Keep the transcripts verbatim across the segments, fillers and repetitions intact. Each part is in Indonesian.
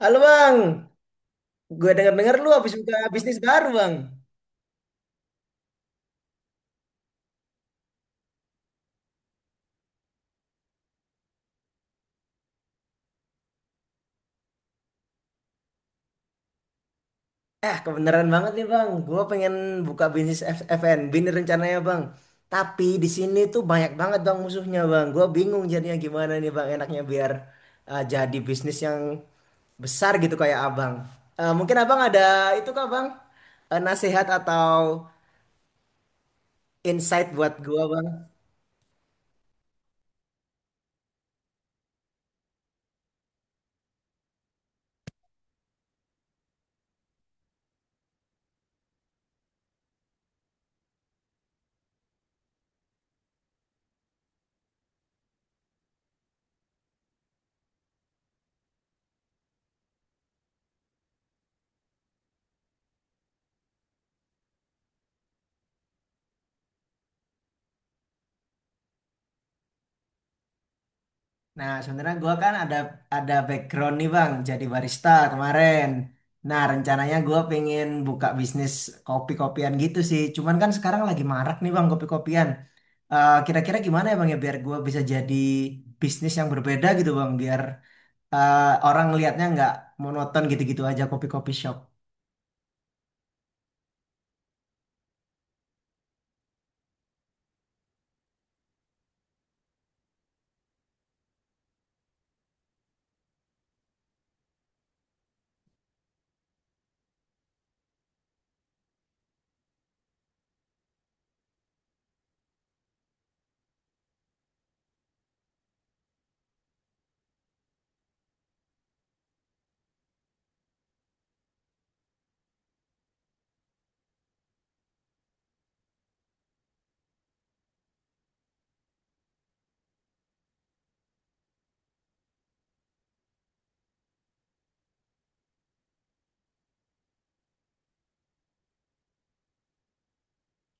Halo bang, gue denger-denger lu habis buka bisnis baru bang. Eh kebenaran banget nih bang, gue pengen buka bisnis F- F&B nih rencananya bang. Tapi di sini tuh banyak banget bang musuhnya bang. Gue bingung jadinya gimana nih bang enaknya biar uh, jadi bisnis yang besar gitu kayak abang. Eh, mungkin abang ada itu kah bang? Eh, nasihat atau insight buat gue bang? Nah, sebenarnya gua kan ada ada background nih Bang, jadi barista kemarin. Nah, rencananya gua pengen buka bisnis kopi-kopian gitu sih. Cuman kan sekarang lagi marak nih Bang kopi-kopian. Eh, Kira-kira gimana ya Bang ya biar gua bisa jadi bisnis yang berbeda gitu Bang, biar eh, orang lihatnya nggak monoton gitu-gitu aja kopi-kopi shop.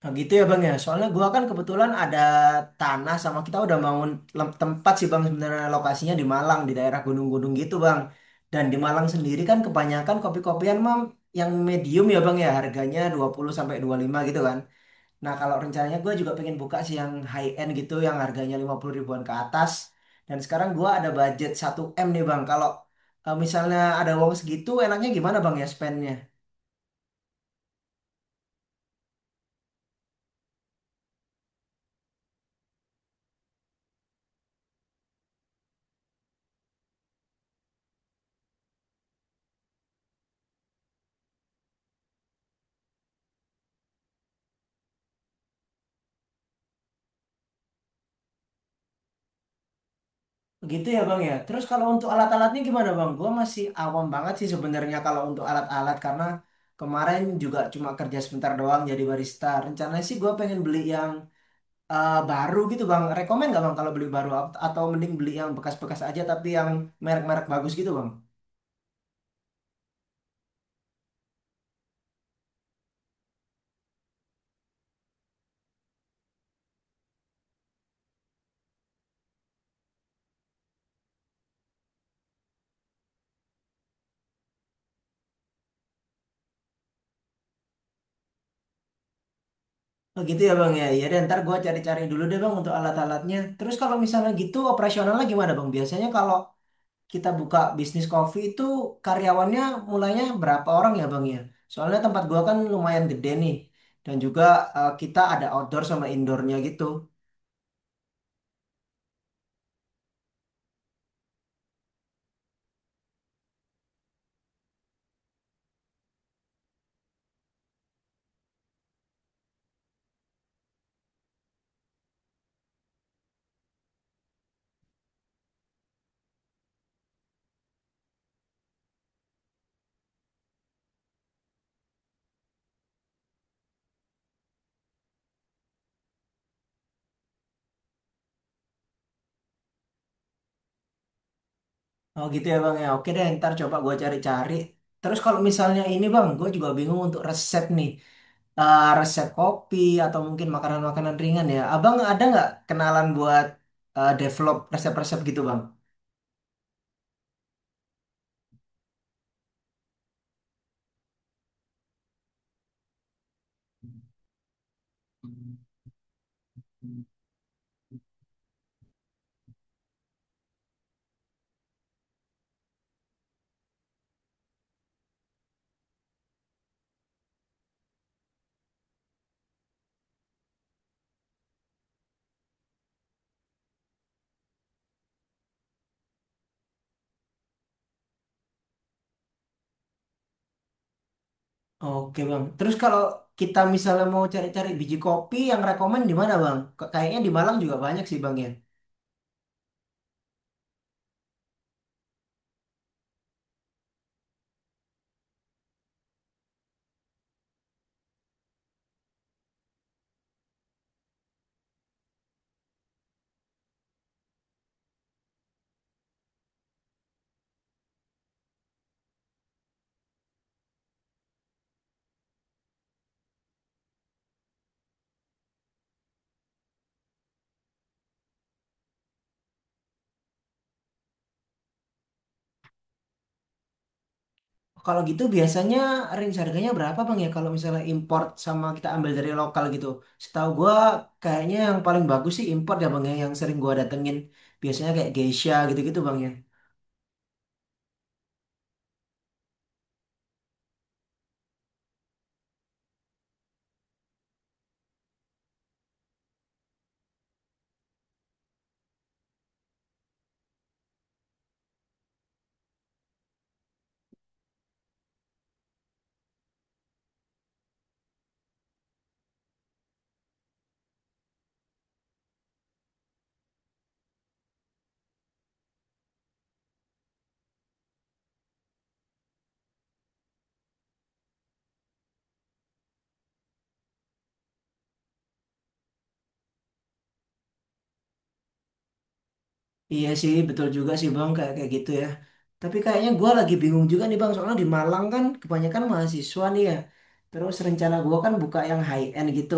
Nah, gitu ya Bang ya. Soalnya gua kan kebetulan ada tanah sama kita udah bangun lem- tempat sih Bang, sebenarnya lokasinya di Malang di daerah gunung-gunung gitu Bang. Dan di Malang sendiri kan kebanyakan kopi-kopian mam yang medium ya Bang ya, harganya dua puluh sampai dua puluh lima gitu kan. Nah, kalau rencananya gua juga pengen buka sih yang high end gitu, yang harganya lima puluh ribuan ke atas. Dan sekarang gua ada budget satu m nih Bang. Kalau eh, misalnya ada uang segitu enaknya gimana Bang ya spendnya? Gitu ya Bang ya. Terus kalau untuk alat-alatnya gimana Bang? Gua masih awam banget sih sebenarnya kalau untuk alat-alat, karena kemarin juga cuma kerja sebentar doang jadi barista. Rencananya sih gua pengen beli yang eh, baru gitu Bang. Rekomen nggak Bang kalau beli baru, At- atau mending beli yang bekas-bekas aja tapi yang merek-merek bagus gitu Bang? Oh gitu ya Bang ya. Iya, dan ntar gua cari-cari dulu deh Bang untuk alat-alatnya. Terus kalau misalnya gitu operasionalnya gimana Bang? Biasanya kalau kita buka bisnis kopi itu karyawannya mulainya berapa orang ya Bang ya? Soalnya tempat gua kan lumayan gede nih. Dan juga eh, kita ada outdoor sama indoornya gitu. Oh gitu ya Bang ya. Oke deh, ntar coba gua cari-cari. Terus kalau misalnya ini Bang, gua juga bingung untuk resep nih. Eh, resep kopi atau mungkin makanan-makanan ringan ya. Abang ada nggak kenalan buat eh, develop resep-resep gitu Bang? Oke bang. Terus kalau kita misalnya mau cari-cari biji kopi yang rekomen di mana bang? K- Kayaknya di Malang juga banyak sih bang ya. Kalau gitu biasanya range harganya berapa bang ya? Kalau misalnya import sama kita ambil dari lokal gitu. Setahu gua kayaknya yang paling bagus sih import ya bang ya. Yang sering gua datengin. Biasanya kayak Geisha gitu-gitu bang ya. Iya sih, betul juga sih Bang, kayak kayak gitu ya. Tapi kayaknya gua lagi bingung juga nih Bang, soalnya di Malang kan kebanyakan mahasiswa nih ya. Terus rencana gua kan buka yang high end gitu.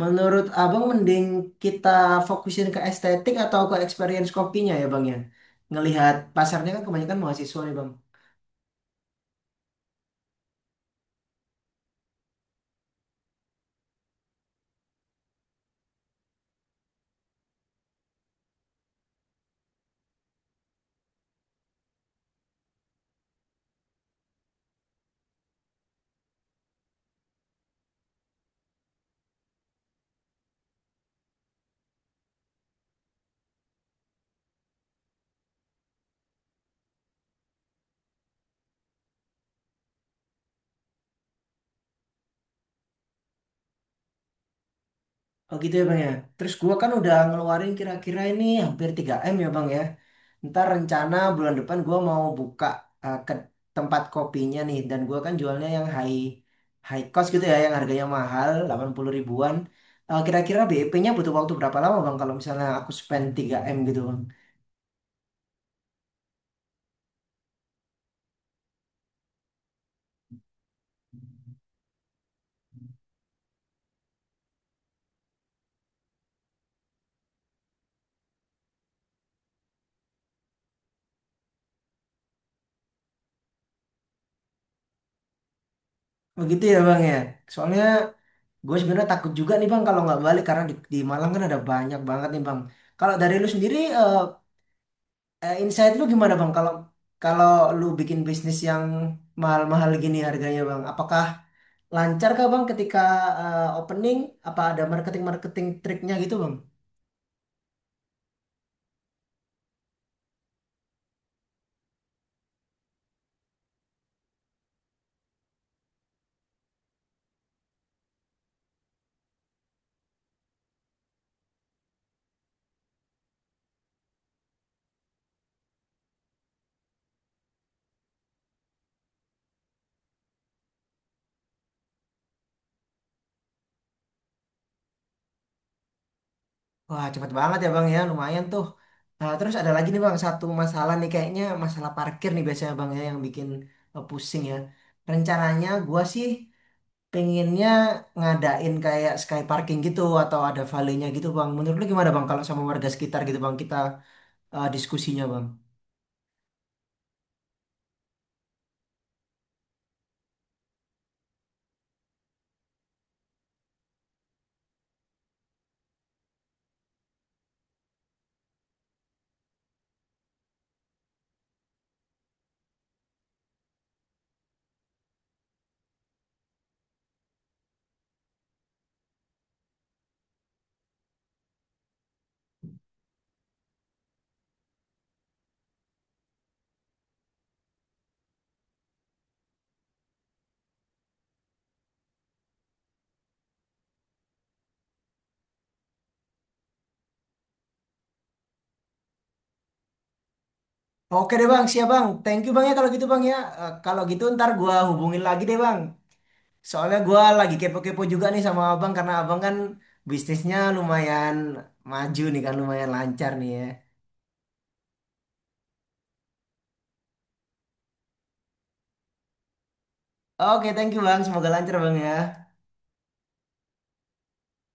Menurut Abang mending kita fokusin ke estetik atau ke experience kopinya ya Bang ya? Ngelihat pasarnya kan kebanyakan mahasiswa nih Bang. Oh gitu ya Bang ya. Terus gua kan udah ngeluarin kira-kira ini hampir tiga M ya Bang ya. Ntar rencana bulan depan gua mau buka eh, ke tempat kopinya nih, dan gua kan jualnya yang high high cost gitu ya, yang harganya mahal delapan puluh ribuan. Eh, kira-kira B E P-nya butuh waktu berapa lama Bang kalau misalnya aku spend tiga M gitu Bang. Begitu ya Bang ya. Soalnya gue sebenarnya takut juga nih Bang kalau nggak balik, karena di, di Malang kan ada banyak banget nih Bang. Kalau dari lu sendiri eh, Eh, insight lu gimana bang? Kalau kalau lu bikin bisnis yang mahal-mahal gini harganya bang, apakah lancar kah bang ketika eh, opening? Apa ada marketing-marketing triknya gitu bang? Wah, cepet banget ya bang ya, lumayan tuh. Nah, terus ada lagi nih bang, satu masalah nih kayaknya masalah parkir nih biasanya bang ya yang bikin eh, pusing ya. Rencananya gua sih pengennya ngadain kayak sky parking gitu atau ada valenya gitu bang. Menurut lu gimana bang kalau sama warga sekitar gitu bang kita eh, diskusinya bang? Oke deh bang, siap bang. Thank you bang ya kalau gitu bang ya. Eh, kalau gitu ntar gua hubungin lagi deh bang. Soalnya gua lagi kepo-kepo juga nih sama abang, karena abang kan bisnisnya lumayan maju nih kan, lumayan lancar nih ya. Oke, thank you bang. Semoga lancar bang ya.